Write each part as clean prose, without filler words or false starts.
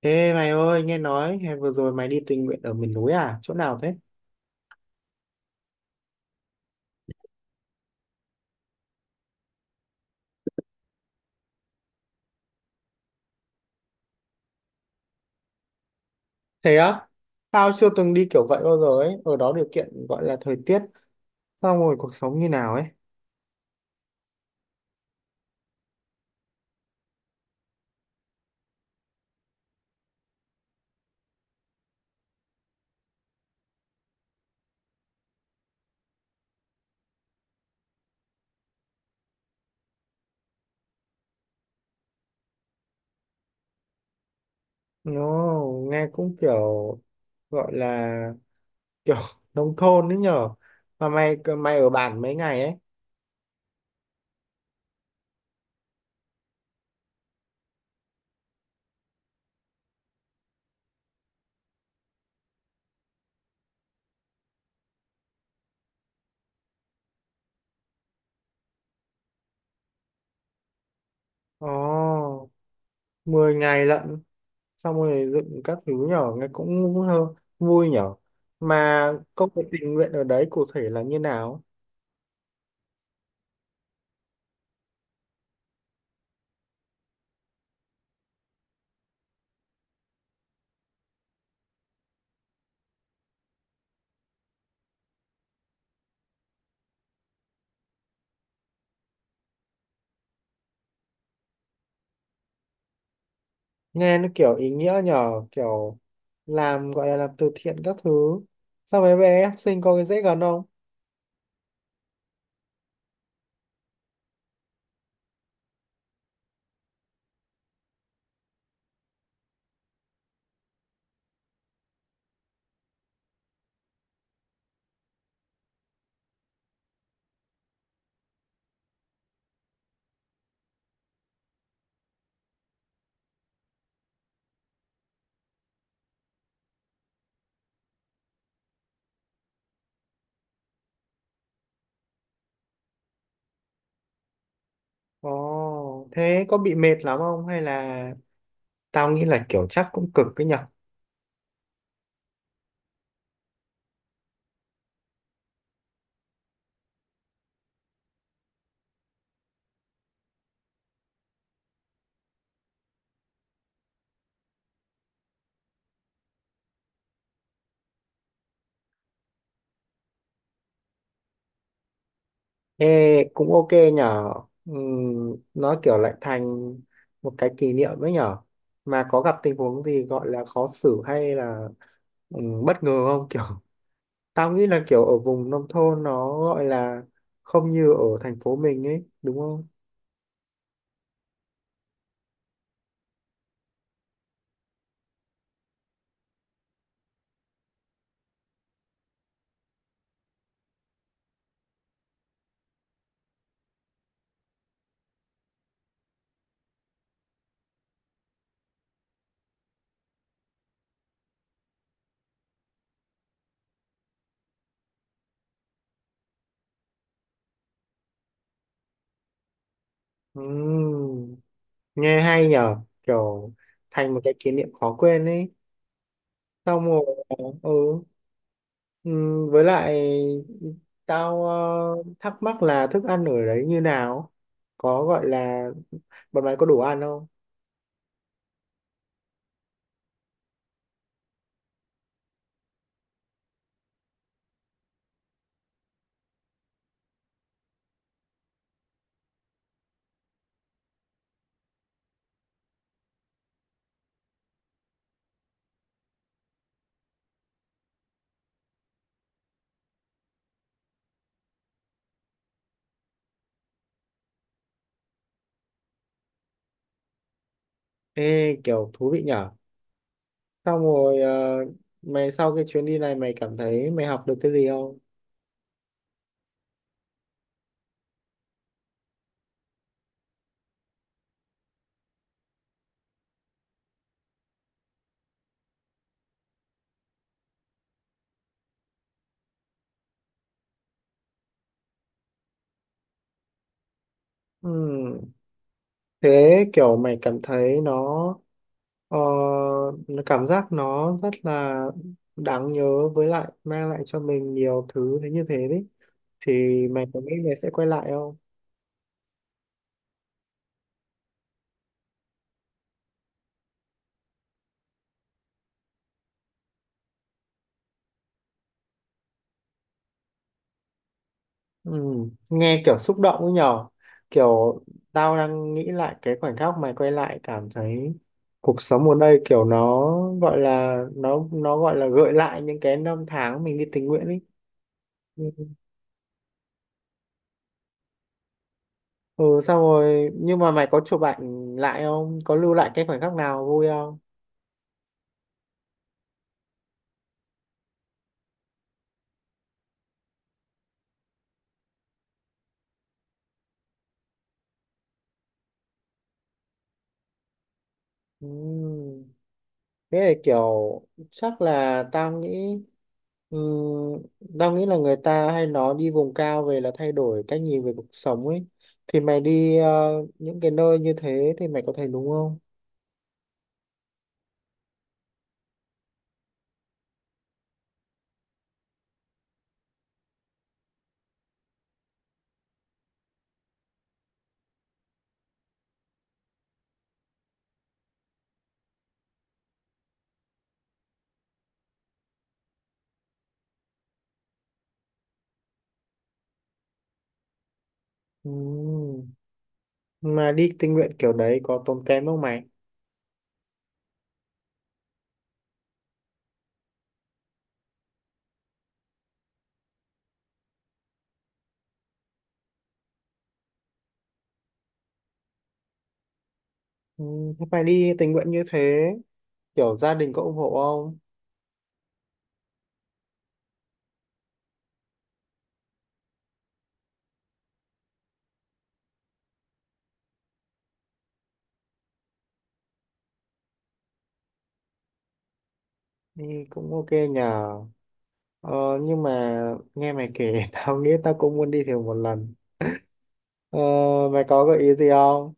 Ê mày ơi, nghe nói hè vừa rồi mày đi tình nguyện ở miền núi à? Chỗ nào thế? Thế á? Tao chưa từng đi kiểu vậy bao giờ ấy. Ở đó điều kiện gọi là thời tiết, xong rồi cuộc sống như nào ấy. Nó nghe cũng kiểu gọi là kiểu nông thôn đấy nhở. Mà mày mày ở bản mấy ngày ấy? Ồ, 10 ngày lận. Xong rồi dựng các thứ nhở, nghe cũng vui, vui nhở. Mà công việc tình nguyện ở đấy cụ thể là như nào? Nghe nó kiểu ý nghĩa nhờ, kiểu làm gọi là làm từ thiện các thứ. Sao mấy bé học sinh có cái dễ gần không? Ồ thế có bị mệt lắm không hay là tao nghĩ là kiểu chắc cũng cực cái nhở. Ê cũng ok nhở. Nó kiểu lại thành một cái kỷ niệm ấy nhở. Mà có gặp tình huống gì gọi là khó xử hay là bất ngờ không, kiểu tao nghĩ là kiểu ở vùng nông thôn nó gọi là không như ở thành phố mình ấy, đúng không? Ừ. Nghe hay nhờ, kiểu thành một cái kỷ niệm khó quên ấy. Xong rồi ừ, ừ, với lại tao thắc mắc là thức ăn ở đấy như nào, có gọi là bọn mày có đủ ăn không. Ê kiểu thú vị nhở. Xong rồi mày sau cái chuyến đi này mày cảm thấy mày học được cái gì không? Ừ, thế kiểu mày cảm thấy Ờ, nó cảm giác nó rất là đáng nhớ, với lại mang lại cho mình nhiều thứ thế, như thế đấy thì mày có nghĩ mày sẽ quay lại không? Ừ, nghe kiểu xúc động ấy nhở, kiểu tao đang nghĩ lại cái khoảnh khắc mày quay lại, cảm thấy cuộc sống ở đây kiểu nó gọi là nó gọi là gợi lại những cái năm tháng mình đi tình nguyện ấy. Ừ. Ừ, xong rồi nhưng mà mày có chụp ảnh lại không, có lưu lại cái khoảnh khắc nào vui không? Ừ. Thế là kiểu chắc là tao nghĩ, ừm, tao nghĩ là người ta hay nói đi vùng cao về là thay đổi cách nhìn về cuộc sống ấy. Thì mày đi những cái nơi như thế thì mày có thấy đúng không? Ừm, Mà đi tình nguyện kiểu đấy có tốn kém không mày? Thế mày đi tình nguyện như thế kiểu gia đình có ủng hộ không? Đi cũng ok nhờ. Ờ, nhưng mà nghe mày kể tao nghĩ tao cũng muốn đi thử một lần. Ờ, Mày có gợi ý gì không,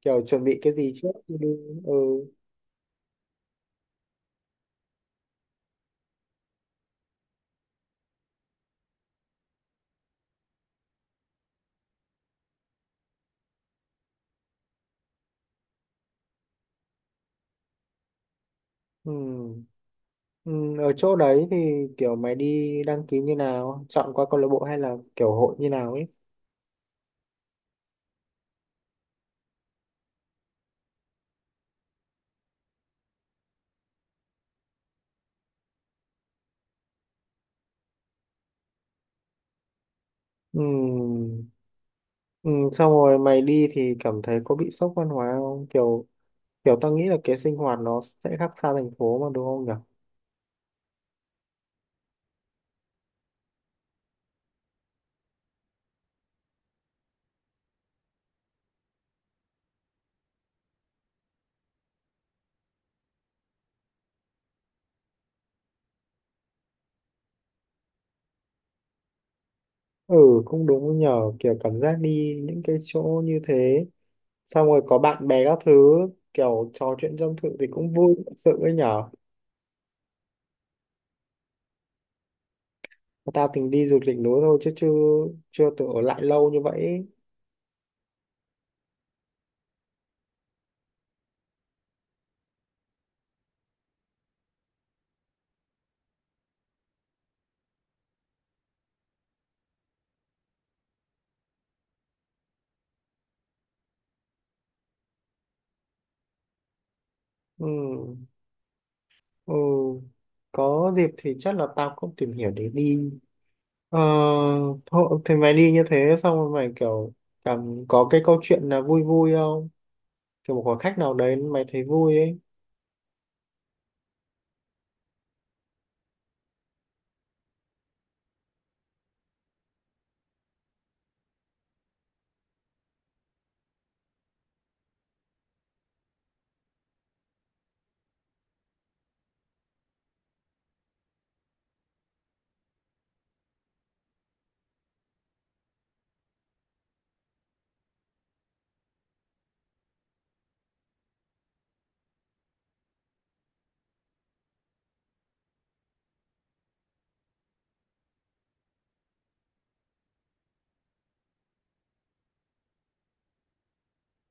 kiểu chuẩn bị cái gì trước khi đi? Ừ, ừ, ừ. Ở chỗ đấy thì kiểu mày đi đăng ký như nào, chọn qua câu lạc bộ hay là kiểu hội như nào ấy? Ừ. Ừ. Xong rồi mày đi thì cảm thấy có bị sốc văn hóa không, kiểu kiểu tao nghĩ là cái sinh hoạt nó sẽ khác xa thành phố mà đúng không nhở? Ừ, cũng đúng nhở, kiểu cảm giác đi những cái chỗ như thế xong rồi có bạn bè các thứ, kiểu trò chuyện tâm sự thì cũng vui thật sự ấy nhở. Tao tính đi du lịch núi thôi chứ chưa chưa tự ở lại lâu như vậy. Ừ. Ừ. Có dịp thì chắc là tao cũng tìm hiểu để đi. ờ, Thôi thì mày đi như thế xong rồi mày kiểu cảm có cái câu chuyện là vui vui không, kiểu một khoảng khách nào đấy mày thấy vui ấy.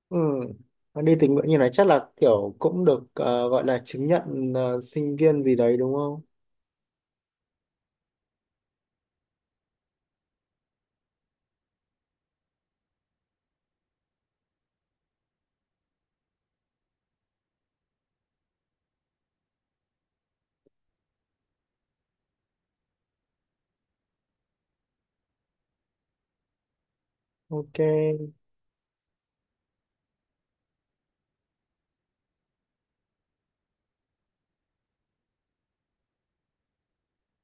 Ừ. Mà đi tình nguyện như này chắc là kiểu cũng được gọi là chứng nhận sinh viên gì đấy đúng không? Ok.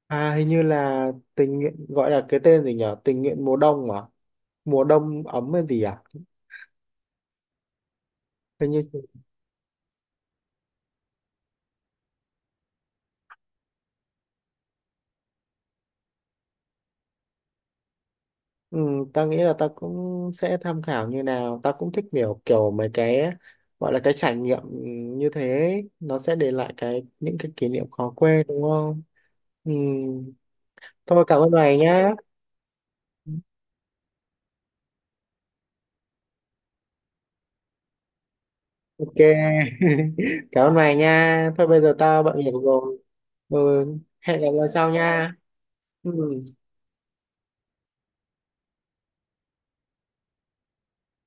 À hình như là tình nguyện gọi là cái tên gì nhở, tình nguyện mùa đông à, mùa đông ấm hay gì à, hình như. Ừ, ta nghĩ là ta cũng sẽ tham khảo như nào, ta cũng thích kiểu kiểu mấy cái gọi là cái trải nghiệm như thế, nó sẽ để lại cái những cái kỷ niệm khó quên đúng không? Ừ. Thôi cảm ơn mày nhá. Ok. Cảm ơn mày nha, thôi bây giờ tao bận việc rồi. Ừ. Hẹn gặp lại sau nha. Ừ.